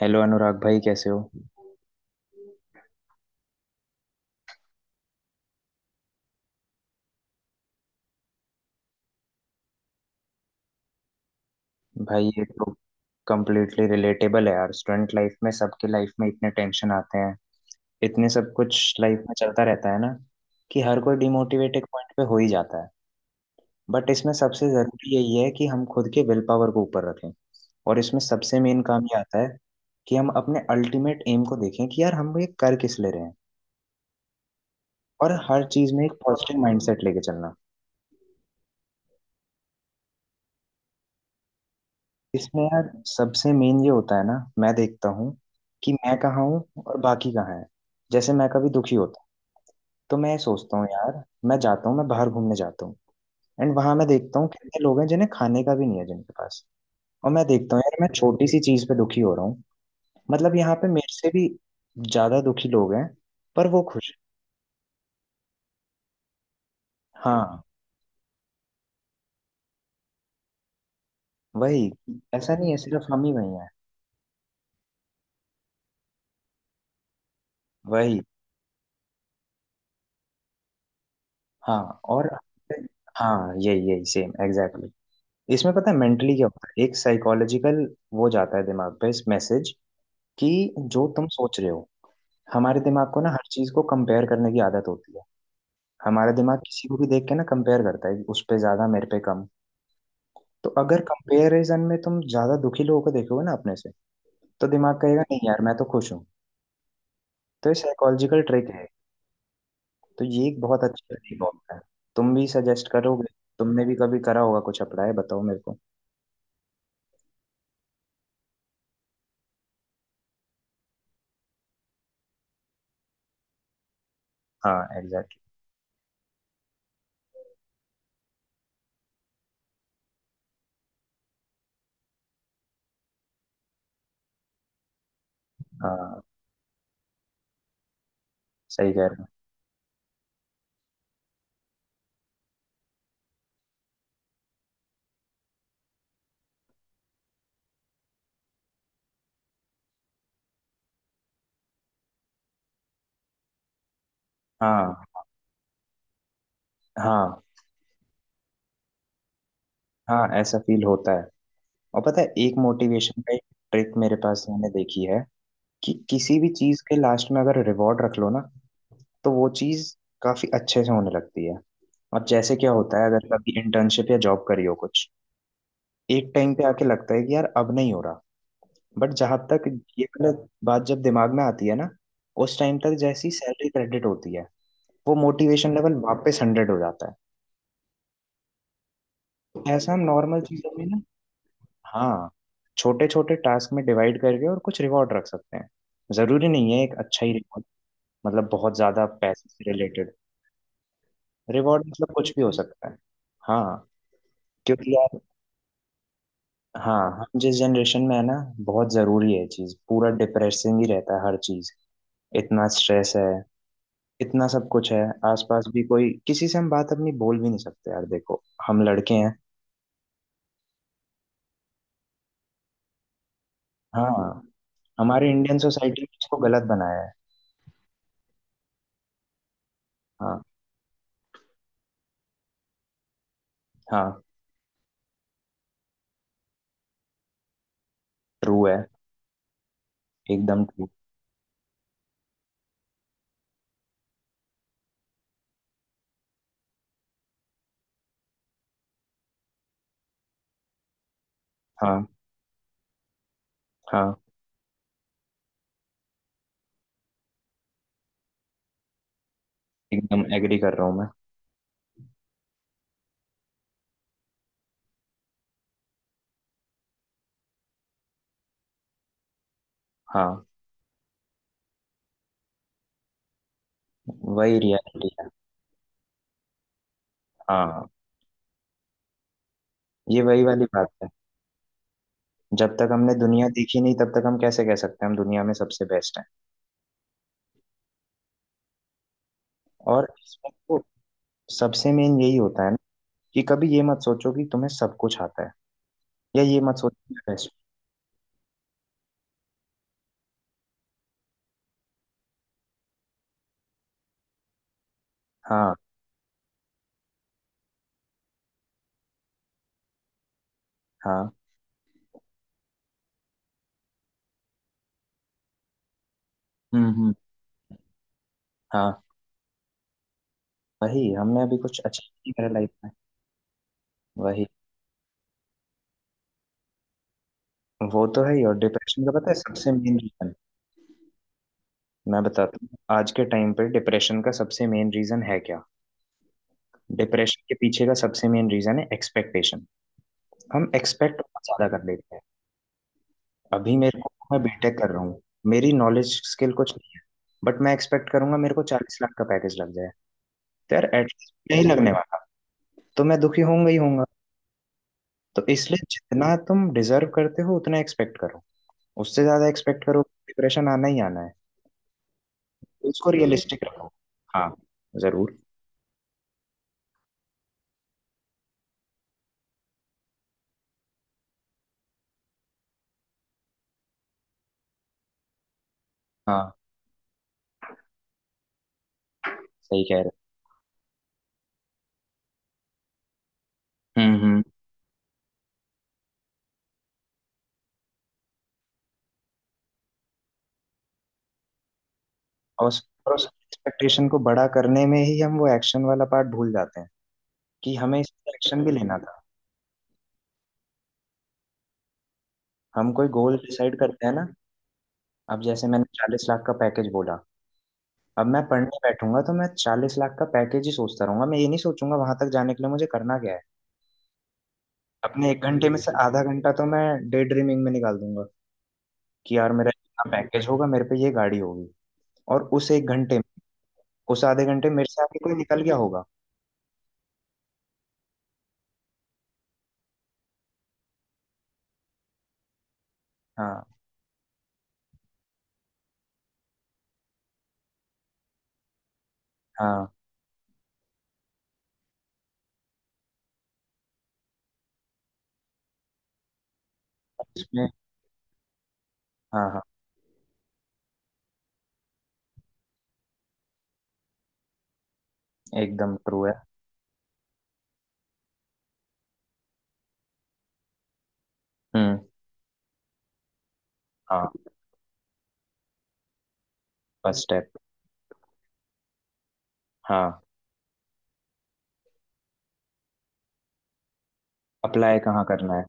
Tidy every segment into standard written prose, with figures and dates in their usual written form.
Hello Anurag भाई, कैसे हो? भाई, ये तो कम्प्लीटली रिलेटेबल है यार। स्टूडेंट लाइफ में, सबके लाइफ में इतने टेंशन आते हैं, इतने सब कुछ लाइफ में चलता रहता है ना, कि हर कोई डिमोटिवेट एक पॉइंट पे हो ही जाता है। बट इसमें सबसे ज़रूरी यही है कि हम खुद के विल पावर को ऊपर रखें। और इसमें सबसे मेन काम ये आता है कि हम अपने अल्टीमेट एम को देखें कि यार, हम ये कर किस ले रहे हैं। और हर चीज़ में एक पॉजिटिव माइंडसेट लेके चलना। इसमें यार सबसे मेन ये होता है ना, मैं देखता हूँ कि मैं कहाँ हूँ और बाकी कहाँ है। जैसे मैं कभी दुखी होता हूँ, तो मैं ये सोचता हूँ यार, मैं जाता हूँ, मैं बाहर घूमने जाता हूँ। एंड वहां मैं देखता हूँ कितने लोग हैं जिन्हें खाने का भी नहीं है जिनके पास। और मैं देखता हूँ यार, मैं छोटी सी चीज पे दुखी हो रहा हूँ। मतलब यहाँ पे मेरे से भी ज्यादा दुखी लोग हैं, पर वो खुश हैं। हाँ, वही। ऐसा नहीं है सिर्फ हम ही वही हैं। वही, हाँ। और हाँ, यही यही सेम एग्जैक्टली। इसमें पता है मेंटली क्या होता है, एक साइकोलॉजिकल, वो जाता है दिमाग पे इस मैसेज कि जो तुम सोच रहे हो, हमारे दिमाग को ना हर चीज को कंपेयर करने की आदत होती है। हमारा दिमाग किसी को भी देख के ना कंपेयर करता है कि उस पे ज्यादा, मेरे पे कम। तो अगर कंपेरिजन में तुम ज्यादा दुखी लोगों को देखोगे ना अपने से, तो दिमाग कहेगा नहीं यार, मैं तो खुश हूँ। तो ये साइकोलॉजिकल ट्रिक है। तो ये एक बहुत अच्छा तरीका होता है। तुम भी सजेस्ट करोगे, तुमने भी कभी करा होगा कुछ अप्लाई, बताओ मेरे को। हाँ एग्जैक्टली। हाँ सही कह रहे हो। हाँ, हाँ, हाँ, ऐसा फील होता है। और पता है एक मोटिवेशन का एक ट्रिक मेरे पास, मैंने देखी है कि किसी भी चीज के लास्ट में अगर रिवॉर्ड रख लो ना, तो वो चीज काफी अच्छे से होने लगती है। और जैसे क्या होता है, अगर कभी इंटर्नशिप या जॉब करी हो कुछ, एक टाइम पे आके लगता है कि यार अब नहीं हो रहा। बट जहां तक ये गलत बात जब दिमाग में आती है ना, उस टाइम तक जैसी सैलरी क्रेडिट होती है, वो मोटिवेशन लेवल वापस 100 हो जाता है। ऐसा हम नॉर्मल चीजों में ना, हाँ, छोटे छोटे टास्क में डिवाइड करके और कुछ रिवॉर्ड रख सकते हैं। जरूरी नहीं है एक अच्छा ही रिवॉर्ड, मतलब बहुत ज्यादा पैसे से रिलेटेड। रिवॉर्ड मतलब कुछ भी हो सकता है। हाँ, क्योंकि यार, हाँ, हम जिस जनरेशन में है ना, बहुत जरूरी है ये चीज, पूरा डिप्रेसिंग ही रहता है हर चीज। इतना स्ट्रेस है, इतना सब कुछ है, आसपास भी कोई किसी से हम बात अपनी बोल भी नहीं सकते यार। देखो, हम लड़के हैं। हाँ, हमारे इंडियन सोसाइटी ने इसको गलत बनाया है। हाँ, हाँ, ट्रू है। एकदम ट्रू। हाँ, हाँ, एकदम एग्री कर रहा हूँ मैं। हाँ, वही रियलिटी है। हाँ, ये वही वाली बात है। जब तक हमने दुनिया देखी नहीं, तब तक हम कैसे कह सकते हैं हम दुनिया में सबसे बेस्ट हैं। और इसमें तो सबसे मेन यही होता है ना, कि कभी ये मत सोचो कि तुम्हें सब कुछ आता है, या ये मत सोचो कि मैं बेस्ट। हाँ, हाँ। हम्म। हाँ, वही। हमने अभी कुछ अच्छा नहीं करा लाइफ में। वही। वो तो है ही। और डिप्रेशन का पता है सबसे मेन रीजन, मैं बताता हूँ। आज के टाइम पे डिप्रेशन का सबसे मेन रीजन है क्या? डिप्रेशन के पीछे का सबसे मेन रीजन है एक्सपेक्टेशन। हम एक्सपेक्ट बहुत ज्यादा कर लेते हैं। अभी मेरे को, मैं बीटेक कर रहा हूँ, मेरी नॉलेज स्किल कुछ नहीं है, बट मैं एक्सपेक्ट करूंगा मेरे को 40 लाख का पैकेज लग जाए। तो यार एटलीस्ट नहीं लगने वाला। तो मैं दुखी होऊंगा ही होऊंगा। तो इसलिए जितना तुम डिजर्व करते हो उतना एक्सपेक्ट करो। उससे ज्यादा एक्सपेक्ट करो, डिप्रेशन आना ही आना है। तो उसको रियलिस्टिक रखो। हाँ, जरूर। हाँ सही कह रहे हो। हम्म। और एक्सपेक्टेशन को बड़ा करने में ही हम वो एक्शन वाला पार्ट भूल जाते हैं, कि हमें इस पे एक्शन भी लेना था। हम कोई गोल डिसाइड करते हैं ना, अब जैसे मैंने 40 लाख का पैकेज बोला, अब मैं पढ़ने बैठूंगा तो मैं 40 लाख का पैकेज ही सोचता रहूंगा। मैं ये नहीं सोचूंगा वहां तक जाने के लिए मुझे करना क्या है। अपने एक घंटे में से आधा घंटा तो मैं डे ड्रीमिंग में निकाल दूंगा कि यार मेरा इतना पैकेज होगा, मेरे पे ये गाड़ी होगी। और उस एक घंटे में, उस आधे घंटे में मेरे से आगे कोई निकल गया होगा। हाँ, हाँ, इसमें हाँ, हाँ, एकदम ट्रू है। हम्म। हाँ, फर्स्ट स्टेप। हाँ, अप्लाई कहाँ करना है।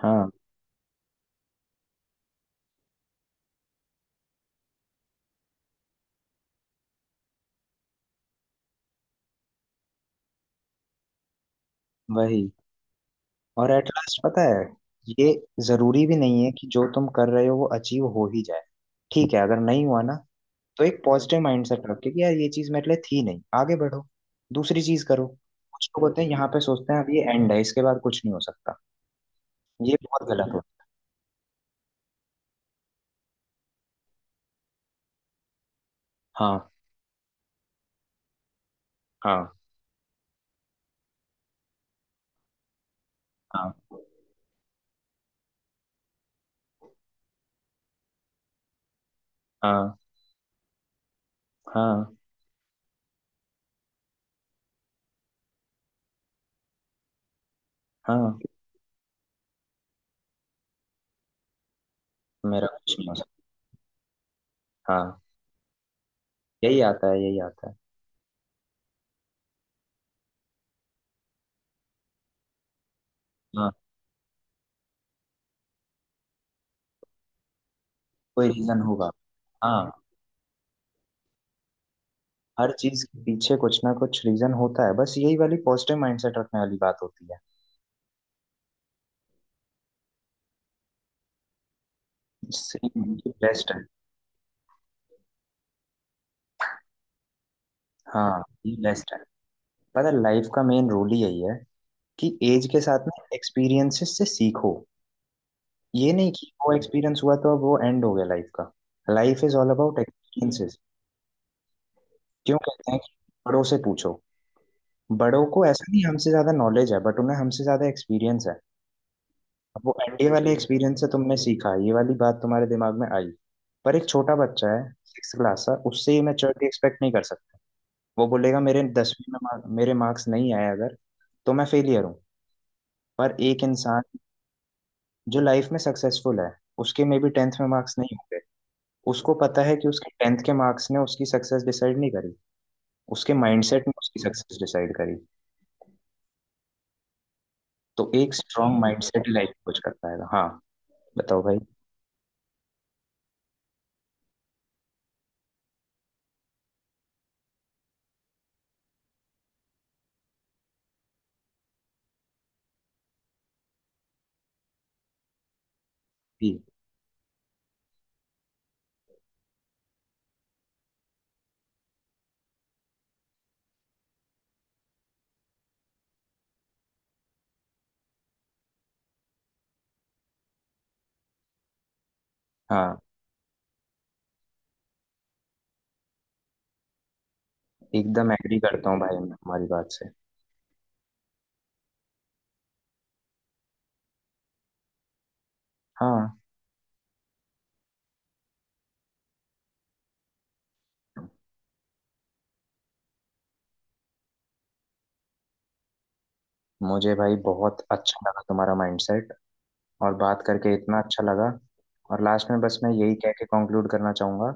हाँ, वही। और एट लास्ट पता है, ये जरूरी भी नहीं है कि जो तुम कर रहे हो वो अचीव हो ही जाए। ठीक है, अगर नहीं हुआ ना, तो एक पॉजिटिव माइंड सेट रख के कि यार ये चीज मेरे लिए थी नहीं, आगे बढ़ो, दूसरी चीज करो। कुछ लोग होते हैं यहाँ पे सोचते हैं अब ये एंड है, इसके बाद कुछ नहीं हो सकता, ये बहुत गलत हो। हाँ, हाँ, हाँ, हाँ, हाँ, हाँ, मेरा कुछ नहीं हो सकता। हाँ, यही आता है, यही आता है। हाँ, कोई रीजन होगा। हाँ, हर चीज के पीछे कुछ ना कुछ रीजन होता है, बस यही वाली पॉजिटिव माइंडसेट रखने वाली बात होती है। सेम, ये बेस्ट है। हाँ, ये बेस्ट है। पता है लाइफ का मेन रोल ही यही है, कि एज के साथ में एक्सपीरियंसेस से सीखो। ये नहीं कि वो एक्सपीरियंस हुआ तो अब वो एंड हो गया लाइफ का। Life is all about experiences. क्यों कहते हैं कि बड़ों से पूछो? बड़ों को ऐसा नहीं हमसे ज्यादा नॉलेज है, बट उन्हें हमसे ज्यादा एक्सपीरियंस है। अब वो एनडीए वाले एक्सपीरियंस से तुमने सीखा, ये वाली बात तुम्हारे दिमाग में आई। पर एक छोटा बच्चा है 6 क्लास का, उससे ये मैच्योरिटी एक्सपेक्ट नहीं कर सकता। वो बोलेगा मेरे 10वीं में मेरे मार्क्स नहीं आए, अगर तो मैं फेलियर हूँ। पर एक इंसान जो लाइफ में सक्सेसफुल है, उसके में भी 10th में मार्क्स नहीं होंगे। उसको पता है कि उसके 10th के मार्क्स ने उसकी सक्सेस डिसाइड नहीं करी, उसके माइंडसेट ने उसकी सक्सेस डिसाइड करी। तो एक स्ट्रांग माइंडसेट लाइफ कुछ कर पाएगा। हाँ, बताओ भाई। जी। हाँ, एकदम एग्री करता हूँ भाई, मैं तुम्हारी बात से। हाँ, मुझे भाई बहुत अच्छा लगा तुम्हारा माइंडसेट, और बात करके इतना अच्छा लगा। और लास्ट में बस मैं यही कह के कंक्लूड करना चाहूंगा,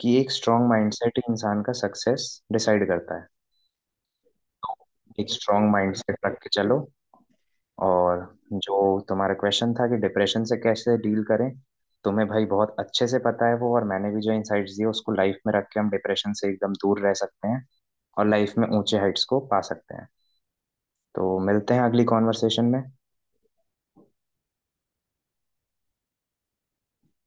कि एक स्ट्रांग माइंडसेट ही इंसान का सक्सेस डिसाइड करता है। एक स्ट्रांग माइंडसेट रख के चलो। और जो तुम्हारा क्वेश्चन था कि डिप्रेशन से कैसे डील करें, तुम्हें भाई बहुत अच्छे से पता है वो, और मैंने भी जो इनसाइट्स दिए, उसको लाइफ में रख के हम डिप्रेशन से एकदम दूर रह सकते हैं, और लाइफ में ऊंचे हाइट्स को पा सकते हैं। तो मिलते हैं अगली कॉन्वर्सेशन में।